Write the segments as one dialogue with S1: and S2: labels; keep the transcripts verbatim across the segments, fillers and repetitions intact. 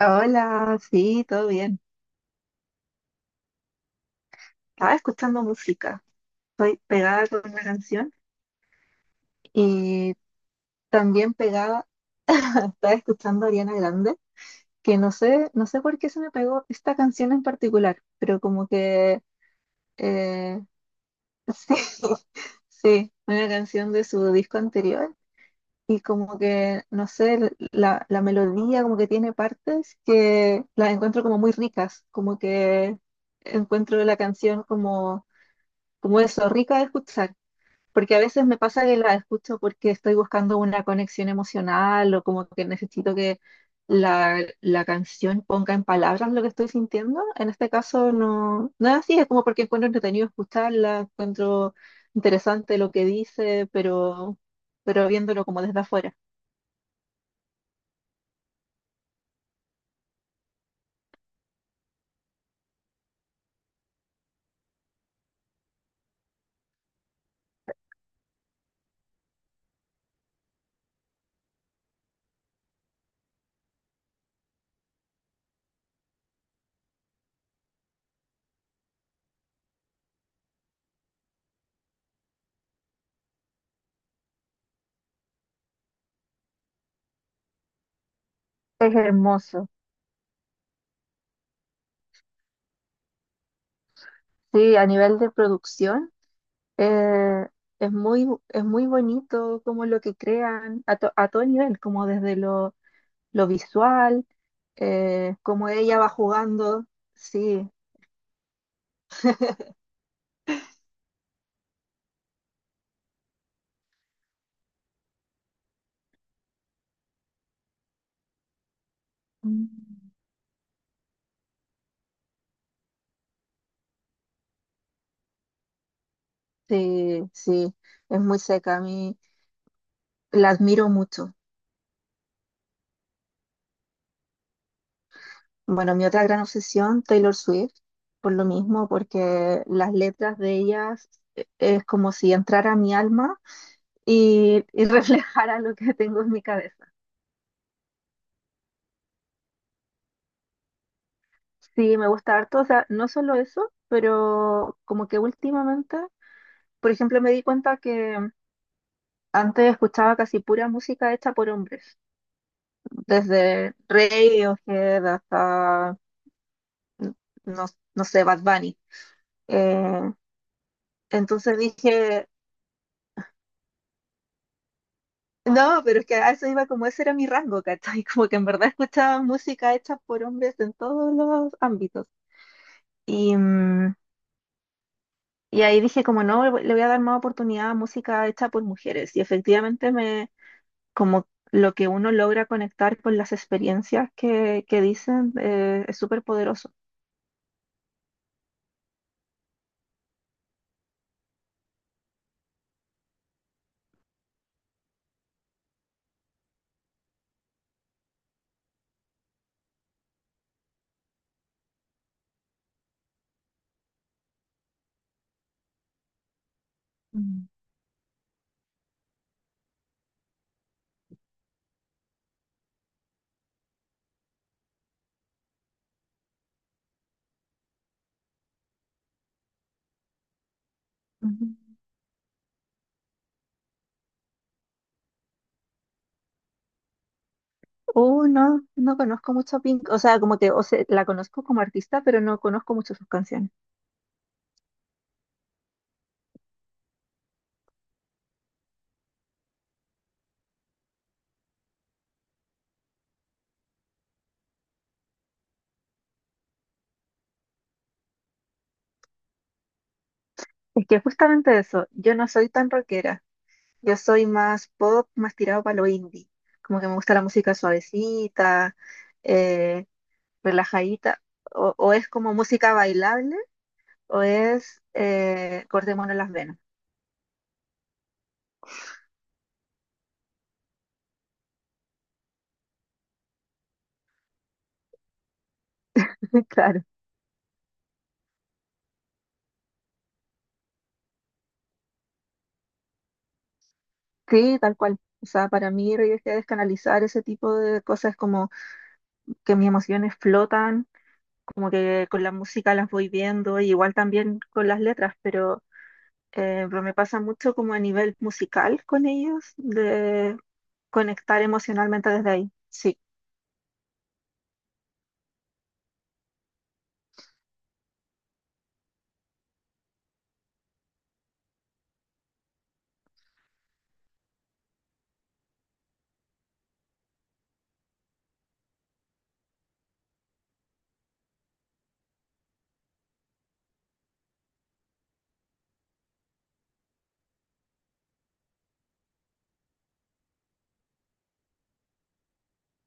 S1: Hola, sí, todo bien. Estaba escuchando música. Estoy pegada con una canción y también pegada, estaba escuchando a Ariana Grande, que no sé, no sé por qué se me pegó esta canción en particular, pero como que eh, sí, sí, una canción de su disco anterior y como que, no sé, la, la melodía como que tiene partes que las encuentro como muy ricas, como que encuentro la canción como, como eso, rica de escuchar. Porque a veces me pasa que la escucho porque estoy buscando una conexión emocional o como que necesito que la, la canción ponga en palabras lo que estoy sintiendo. En este caso no, no es así, es como porque encuentro entretenido escucharla, encuentro interesante lo que dice, pero, pero viéndolo como desde afuera. Es hermoso. Sí, a nivel de producción, eh, es muy, es muy bonito como lo que crean a, to- a todo nivel, como desde lo lo visual, eh, como ella va jugando, sí, Mm, sí, sí, es muy seca, a mí la admiro mucho. Bueno, mi otra gran obsesión, Taylor Swift, por lo mismo, porque las letras de ellas eh, es como si entrara a mi alma y, y reflejara lo que tengo en mi cabeza. Sí, me gusta harto, o sea, no solo eso, pero como que últimamente, por ejemplo, me di cuenta que antes escuchaba casi pura música hecha por hombres, desde Radiohead hasta, no, no sé, Bad Bunny. Eh, entonces dije, no, pero es que a eso iba, como ese era mi rango, ¿cachai? Como que en verdad escuchaba música hecha por hombres en todos los ámbitos. Y, mm, y ahí dije, como no, le voy a dar más oportunidad a música hecha por mujeres. Y efectivamente me, como lo que uno logra conectar con las experiencias que, que dicen, eh, es súper poderoso. Ujú. Uh, no, no conozco mucho a Pink, o sea, como que, o sea, la conozco como artista, pero no conozco mucho sus canciones. Es que justamente eso, yo no soy tan rockera, yo soy más pop, más tirado para lo indie, como que me gusta la música suavecita, eh, relajadita, o, o es como música bailable, o es eh, cortémonos las venas, claro, sí, tal cual. O sea, para mí, Reyes Head descanalizar ese tipo de cosas es como que mis emociones flotan, como que con la música las voy viendo, y igual también con las letras, pero, eh, pero me pasa mucho como a nivel musical con ellos, de conectar emocionalmente desde ahí. Sí,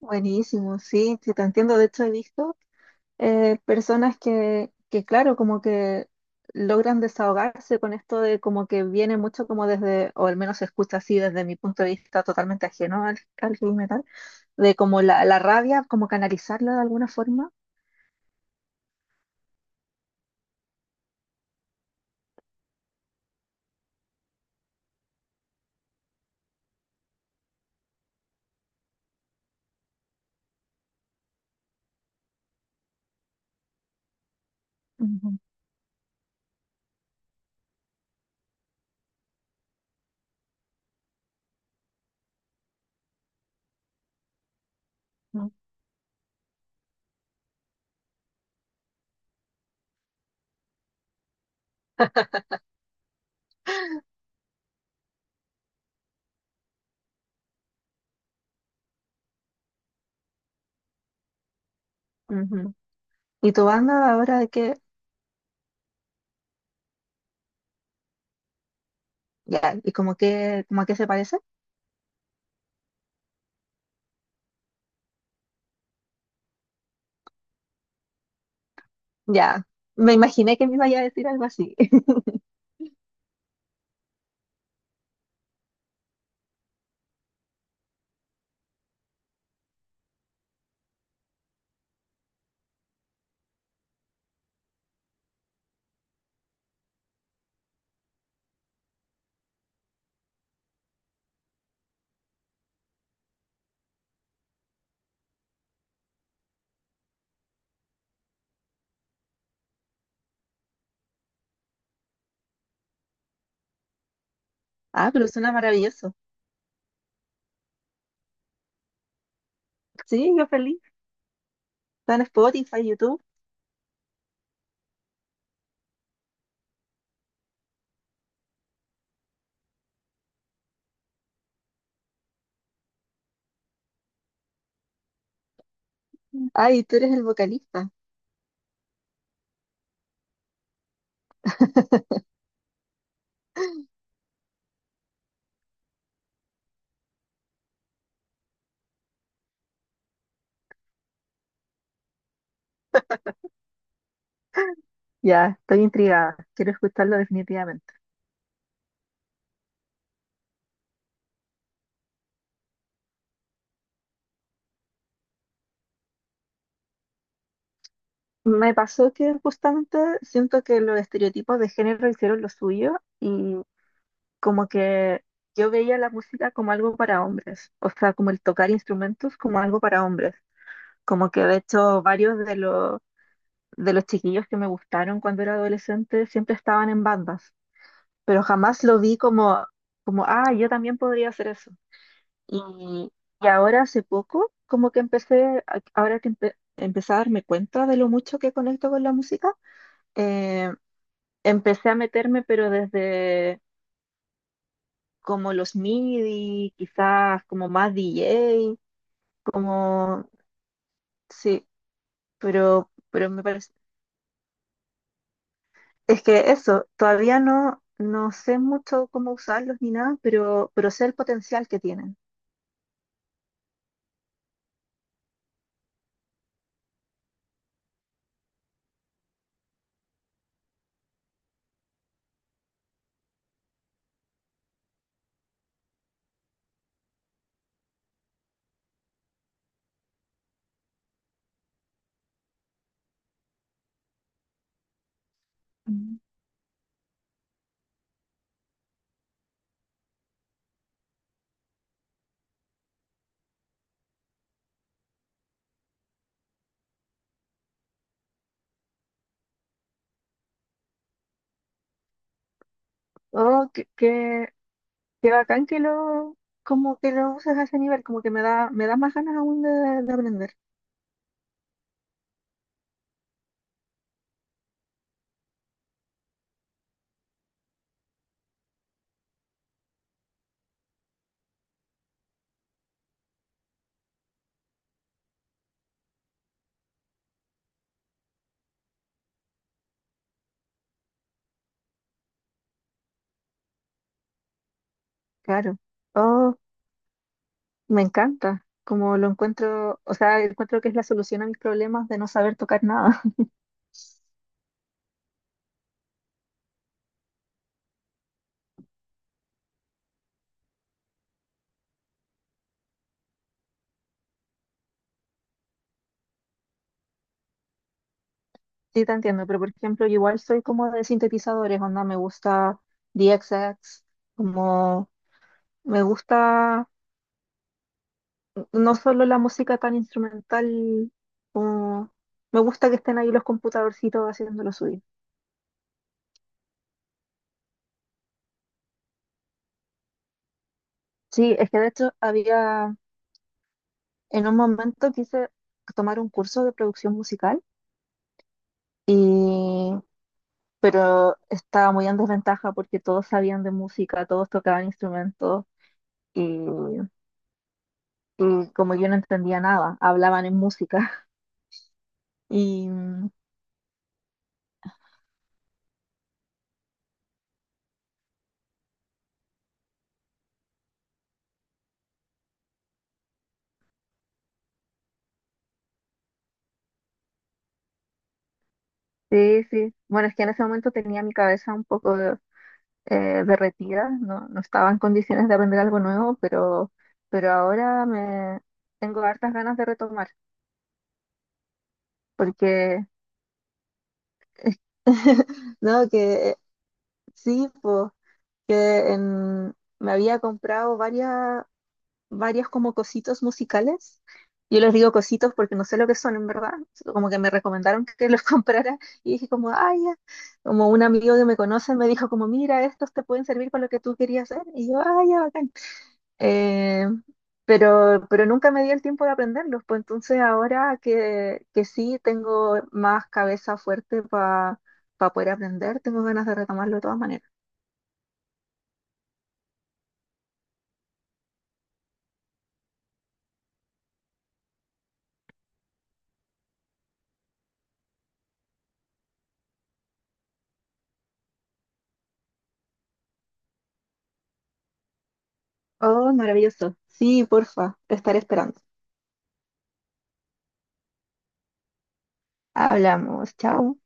S1: buenísimo, sí, sí, te entiendo. De hecho, he visto eh, personas que, que, claro, como que logran desahogarse con esto de como que viene mucho como desde, o al menos se escucha así desde mi punto de vista totalmente ajeno al, al heavy metal, de como la, la rabia, como canalizarla de alguna forma. Ujú, ujú. Ujú. ¿Y tu banda ahora de qué? Ya, ¿y como que, como a qué se parece? Ya, me imaginé que me iba a decir algo así. Ah, pero suena maravilloso. Sí, yo feliz. Está en Spotify, YouTube. Ay, tú eres el vocalista. Ya, estoy intrigada. Quiero escucharlo definitivamente. Me pasó que justamente siento que los estereotipos de género hicieron lo suyo y como que yo veía la música como algo para hombres, o sea, como el tocar instrumentos como algo para hombres. Como que de hecho varios de los de los chiquillos que me gustaron cuando era adolescente siempre estaban en bandas, pero jamás lo vi como, como, ah, yo también podría hacer eso. Y, y ahora hace poco, como que empecé, a- ahora que empe- empecé a darme cuenta de lo mucho que conecto con la música, eh, empecé a meterme, pero desde como los MIDI, quizás como más D J, como, sí, pero, pero me parece. Es que eso, todavía no, no sé mucho cómo usarlos ni nada, pero, pero sé el potencial que tienen. Mm. Oh, qué, qué, qué bacán que lo, como que lo uses a ese nivel, como que me da, me da más ganas aún de, de aprender. Claro. Oh, me encanta. Como lo encuentro, o sea, encuentro que es la solución a mis problemas de no saber tocar nada. Sí, te entiendo, pero por ejemplo, yo igual soy como de sintetizadores, onda, me gusta D X X, como me gusta, no solo la música tan instrumental, como me gusta que estén ahí los computadorcitos haciendo lo suyo. Sí, es que de hecho había, en un momento quise tomar un curso de producción musical, y, pero estaba muy en desventaja porque todos sabían de música, todos tocaban instrumentos y, y como yo no entendía nada, hablaban en música. Y mm, sí, sí, bueno, es que en ese momento tenía mi cabeza un poco eh, derretida, no, no estaba en condiciones de aprender algo nuevo, pero, pero ahora me tengo hartas ganas de retomar, porque, no, que eh, sí, pues, que en- me había comprado varias, varias como cositos musicales. Yo les digo cositos porque no sé lo que son en verdad, como que me recomendaron que los comprara y dije como, ay, ya". Como un amigo que me conoce me dijo como, mira, estos te pueden servir para lo que tú querías hacer. Y yo, ay, ya, bacán". Eh, pero, pero nunca me di el tiempo de aprenderlos, pues entonces ahora que, que sí tengo más cabeza fuerte para poder aprender, tengo ganas de retomarlo de todas maneras. Oh, maravilloso. Sí, porfa, te estaré esperando. Hablamos, chao.